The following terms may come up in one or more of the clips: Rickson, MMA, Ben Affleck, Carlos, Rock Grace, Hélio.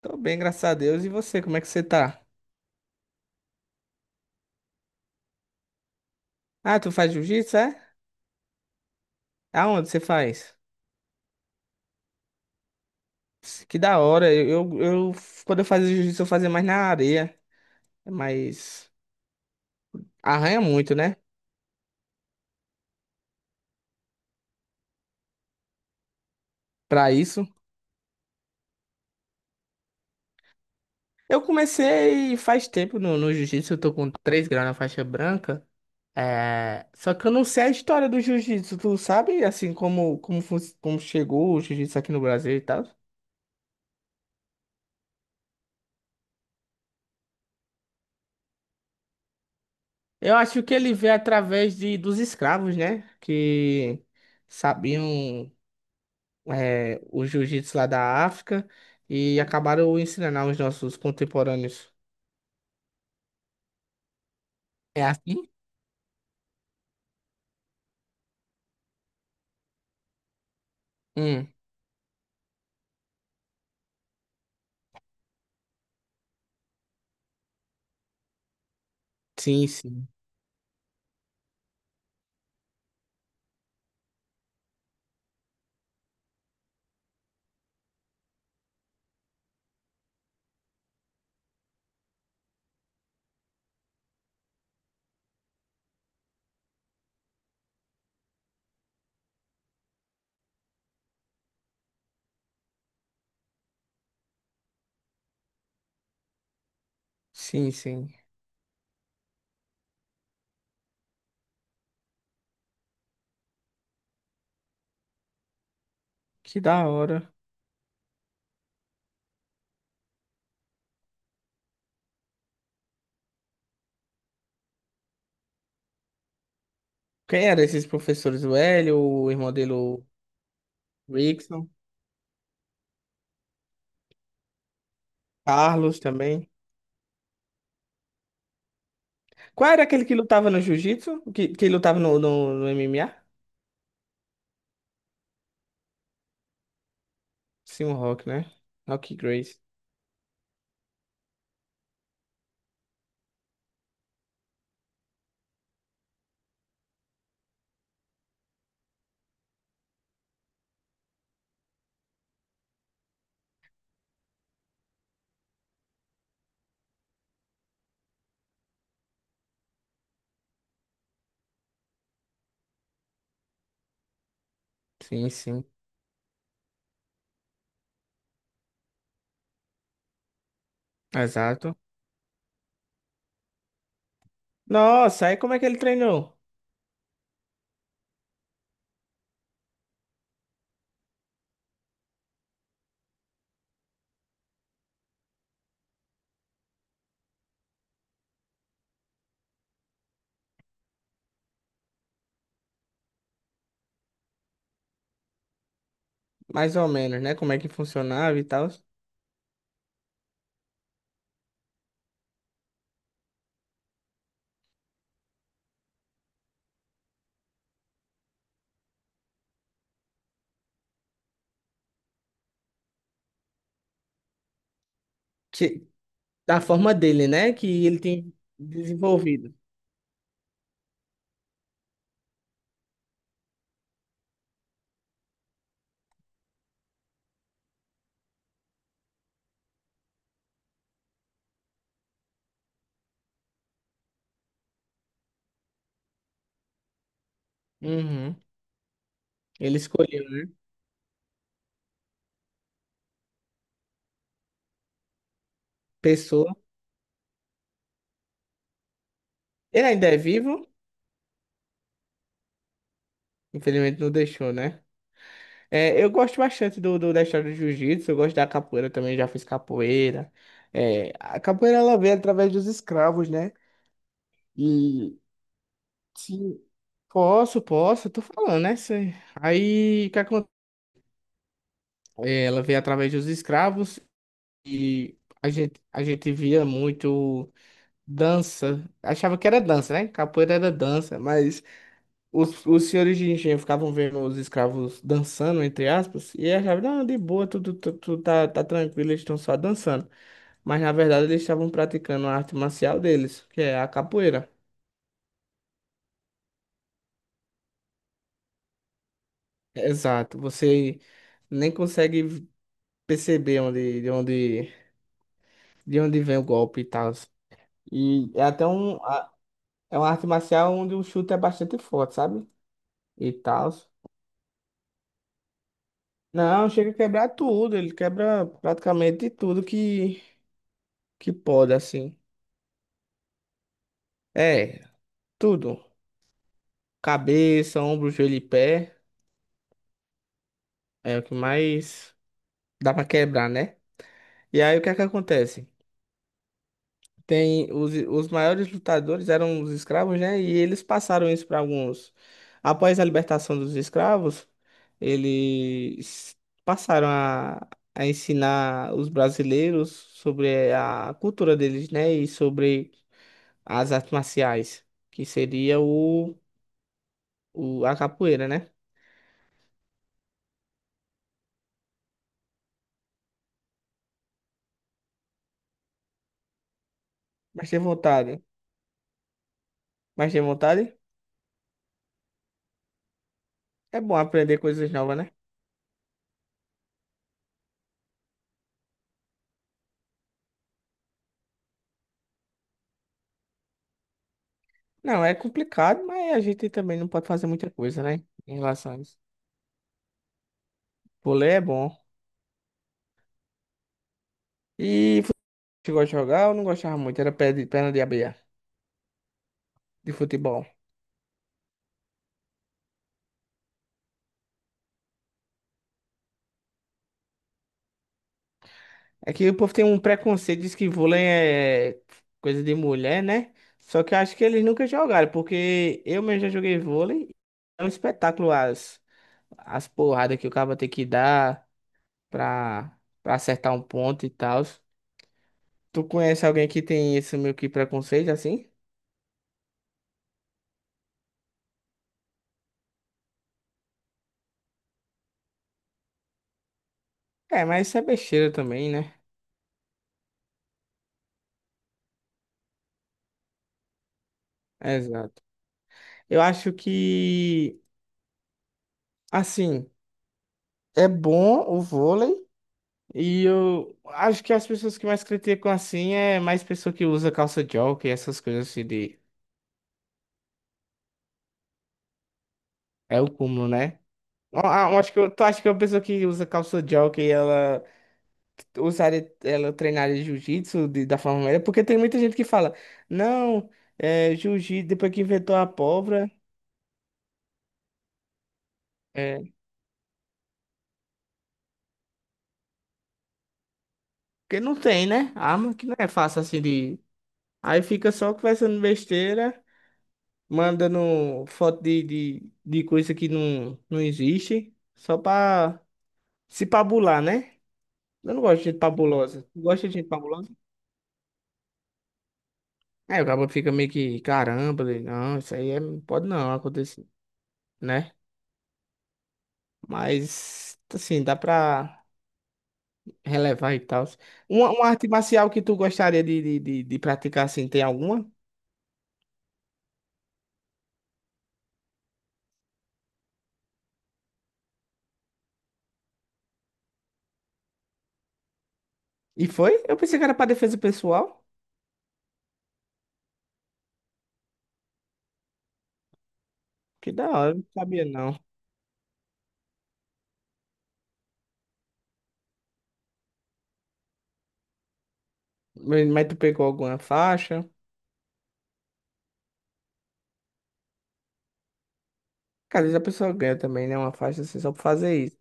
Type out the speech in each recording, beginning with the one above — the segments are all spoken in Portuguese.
Tô bem, graças a Deus. E você, como é que você tá? Ah, tu faz jiu-jitsu, é? Aonde você faz? Que da hora. Eu quando eu fazia jiu-jitsu, eu fazia mais na areia, mas arranha muito, né? Pra isso. Eu comecei faz tempo no jiu-jitsu, eu tô com 3 graus na faixa branca. Só que eu não sei a história do jiu-jitsu, tu sabe, assim, como chegou o jiu-jitsu aqui no Brasil e tal? Eu acho que ele veio através dos escravos, né? Que sabiam. O jiu-jitsu lá da África e acabaram ensinando aos nossos contemporâneos. É assim? Hum, sim, sim. Sim, sim. Que da hora. Quem eram esses professores? O Hélio, o irmão dele, o Rickson, Carlos também. Qual era aquele que lutava no jiu-jitsu? Que lutava no MMA? Sim, o Rock, né? Rock Grace. Sim, sim. Exato. Nossa, aí como é que ele treinou? Mais ou menos, né? Como é que funcionava e tal. Que, da forma dele, né? Que ele tem desenvolvido. Uhum. Ele escolheu, né? Pessoa. Ele ainda é vivo, infelizmente não deixou, né? É, eu gosto bastante da história do jiu-jitsu, eu gosto da capoeira também, já fiz capoeira. É, a capoeira ela veio através dos escravos, né? E sim, posso, tô falando, né? Cê- Aí, o que acontece? Ela veio através dos escravos e a gente via muito. Dança. Achava que era dança, né? Capoeira era dança, mas os senhores de engenho ficavam vendo os escravos dançando, entre aspas, e achavam, não, de boa, tudo tá, tá tranquilo, eles estão só dançando. Mas na verdade eles estavam praticando a arte marcial deles, que é a capoeira. Exato. Você nem consegue perceber de onde vem o golpe e tal. E é até é uma arte marcial onde o chute é bastante forte, sabe? E tal. Não, chega a quebrar tudo. Ele quebra praticamente tudo que pode, assim. É, tudo. Cabeça, ombro, joelho e pé. É o que mais dá pra quebrar, né? E aí o que é que acontece? Tem os maiores lutadores eram os escravos, né? E eles passaram isso para alguns. Após a libertação dos escravos, eles passaram a ensinar os brasileiros sobre a cultura deles, né? E sobre as artes marciais, que seria o a capoeira, né? Mas tem vontade. Mas tem vontade? É bom aprender coisas novas, né? Não, é complicado, mas a gente também não pode fazer muita coisa, né? Em relação a isso. Vôlei é bom. E futebol chegou de jogar, eu não gostava muito, era pé de- perna de abelha de futebol. É que o povo tem um preconceito, diz que vôlei é coisa de mulher, né? Só que eu acho que eles nunca jogaram, porque eu mesmo já joguei vôlei. É um espetáculo as porradas que o cara tem que dar pra, pra acertar um ponto e tal. Tu conhece alguém que tem esse meio que preconceito assim? É, mas isso é besteira também, né? Exato. Eu acho que, assim, é bom o vôlei e eu acho que as pessoas que mais criticam assim é mais pessoa que usa calça jockey, essas coisas assim de... É o cúmulo, né? Eu acho que eu, tu acha que uma pessoa que usa calça jockey, ela usaria ela treinaria jiu-jitsu de- da forma melhor, porque tem muita gente que fala, não, é, jiu-jitsu, depois que inventou a pólvora, é, porque não tem, né? Arma que não é fácil assim de. Aí fica só conversando besteira, mandando foto de coisa que não, não existe, só pra se pabular, né? Eu não gosto de gente pabulosa. Tu gosta de gente pabulosa? É, o cara fica meio que, caramba, ele, não, isso aí é, pode não acontecer, né? Mas, assim, dá pra relevar e tal. Uma arte marcial que tu gostaria de praticar assim, tem alguma? E foi? Eu pensei que era pra defesa pessoal. Que da hora, eu não sabia não. Mas tu pegou alguma faixa? Cara, às vezes a pessoa ganha também, né? Uma faixa assim, só pra fazer isso.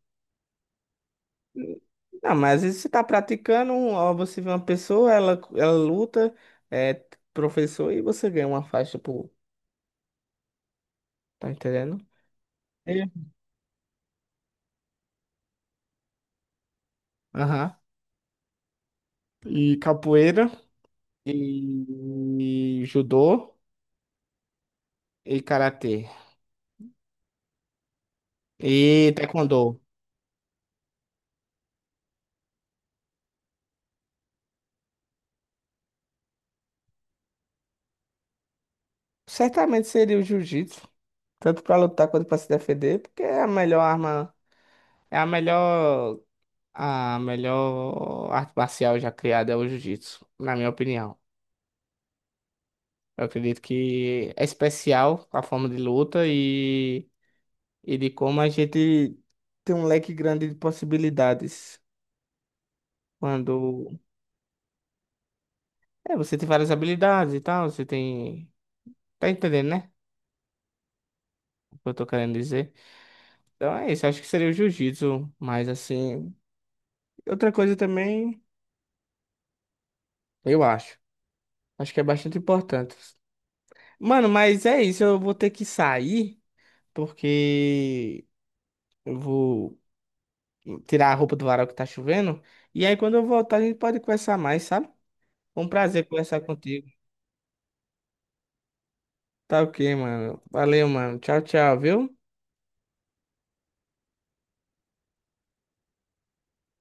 Não, mas às vezes você tá praticando, um, ó, você vê uma pessoa, ela luta, é professor, e você ganha uma faixa, pô. Tá entendendo? É. Aham. E capoeira, e, e judô, e karatê. E taekwondo. Certamente seria o jiu-jitsu, tanto para lutar quanto para se defender, porque é a melhor arma, é a melhor arte marcial já criada é o jiu-jitsu, na minha opinião. Eu acredito que é especial a forma de luta e de como a gente tem um leque grande de possibilidades. Quando é, você tem várias habilidades e tal, você tem. Tá entendendo, né? O que eu tô querendo dizer? Então é isso, acho que seria o jiu-jitsu, mas assim. Outra coisa também, eu acho. Acho que é bastante importante. Mano, mas é isso. Eu vou ter que sair, porque eu vou tirar a roupa do varal que tá chovendo. E aí, quando eu voltar, a gente pode conversar mais, sabe? Foi um prazer conversar contigo. Tá ok, mano. Valeu, mano. Tchau, tchau, viu?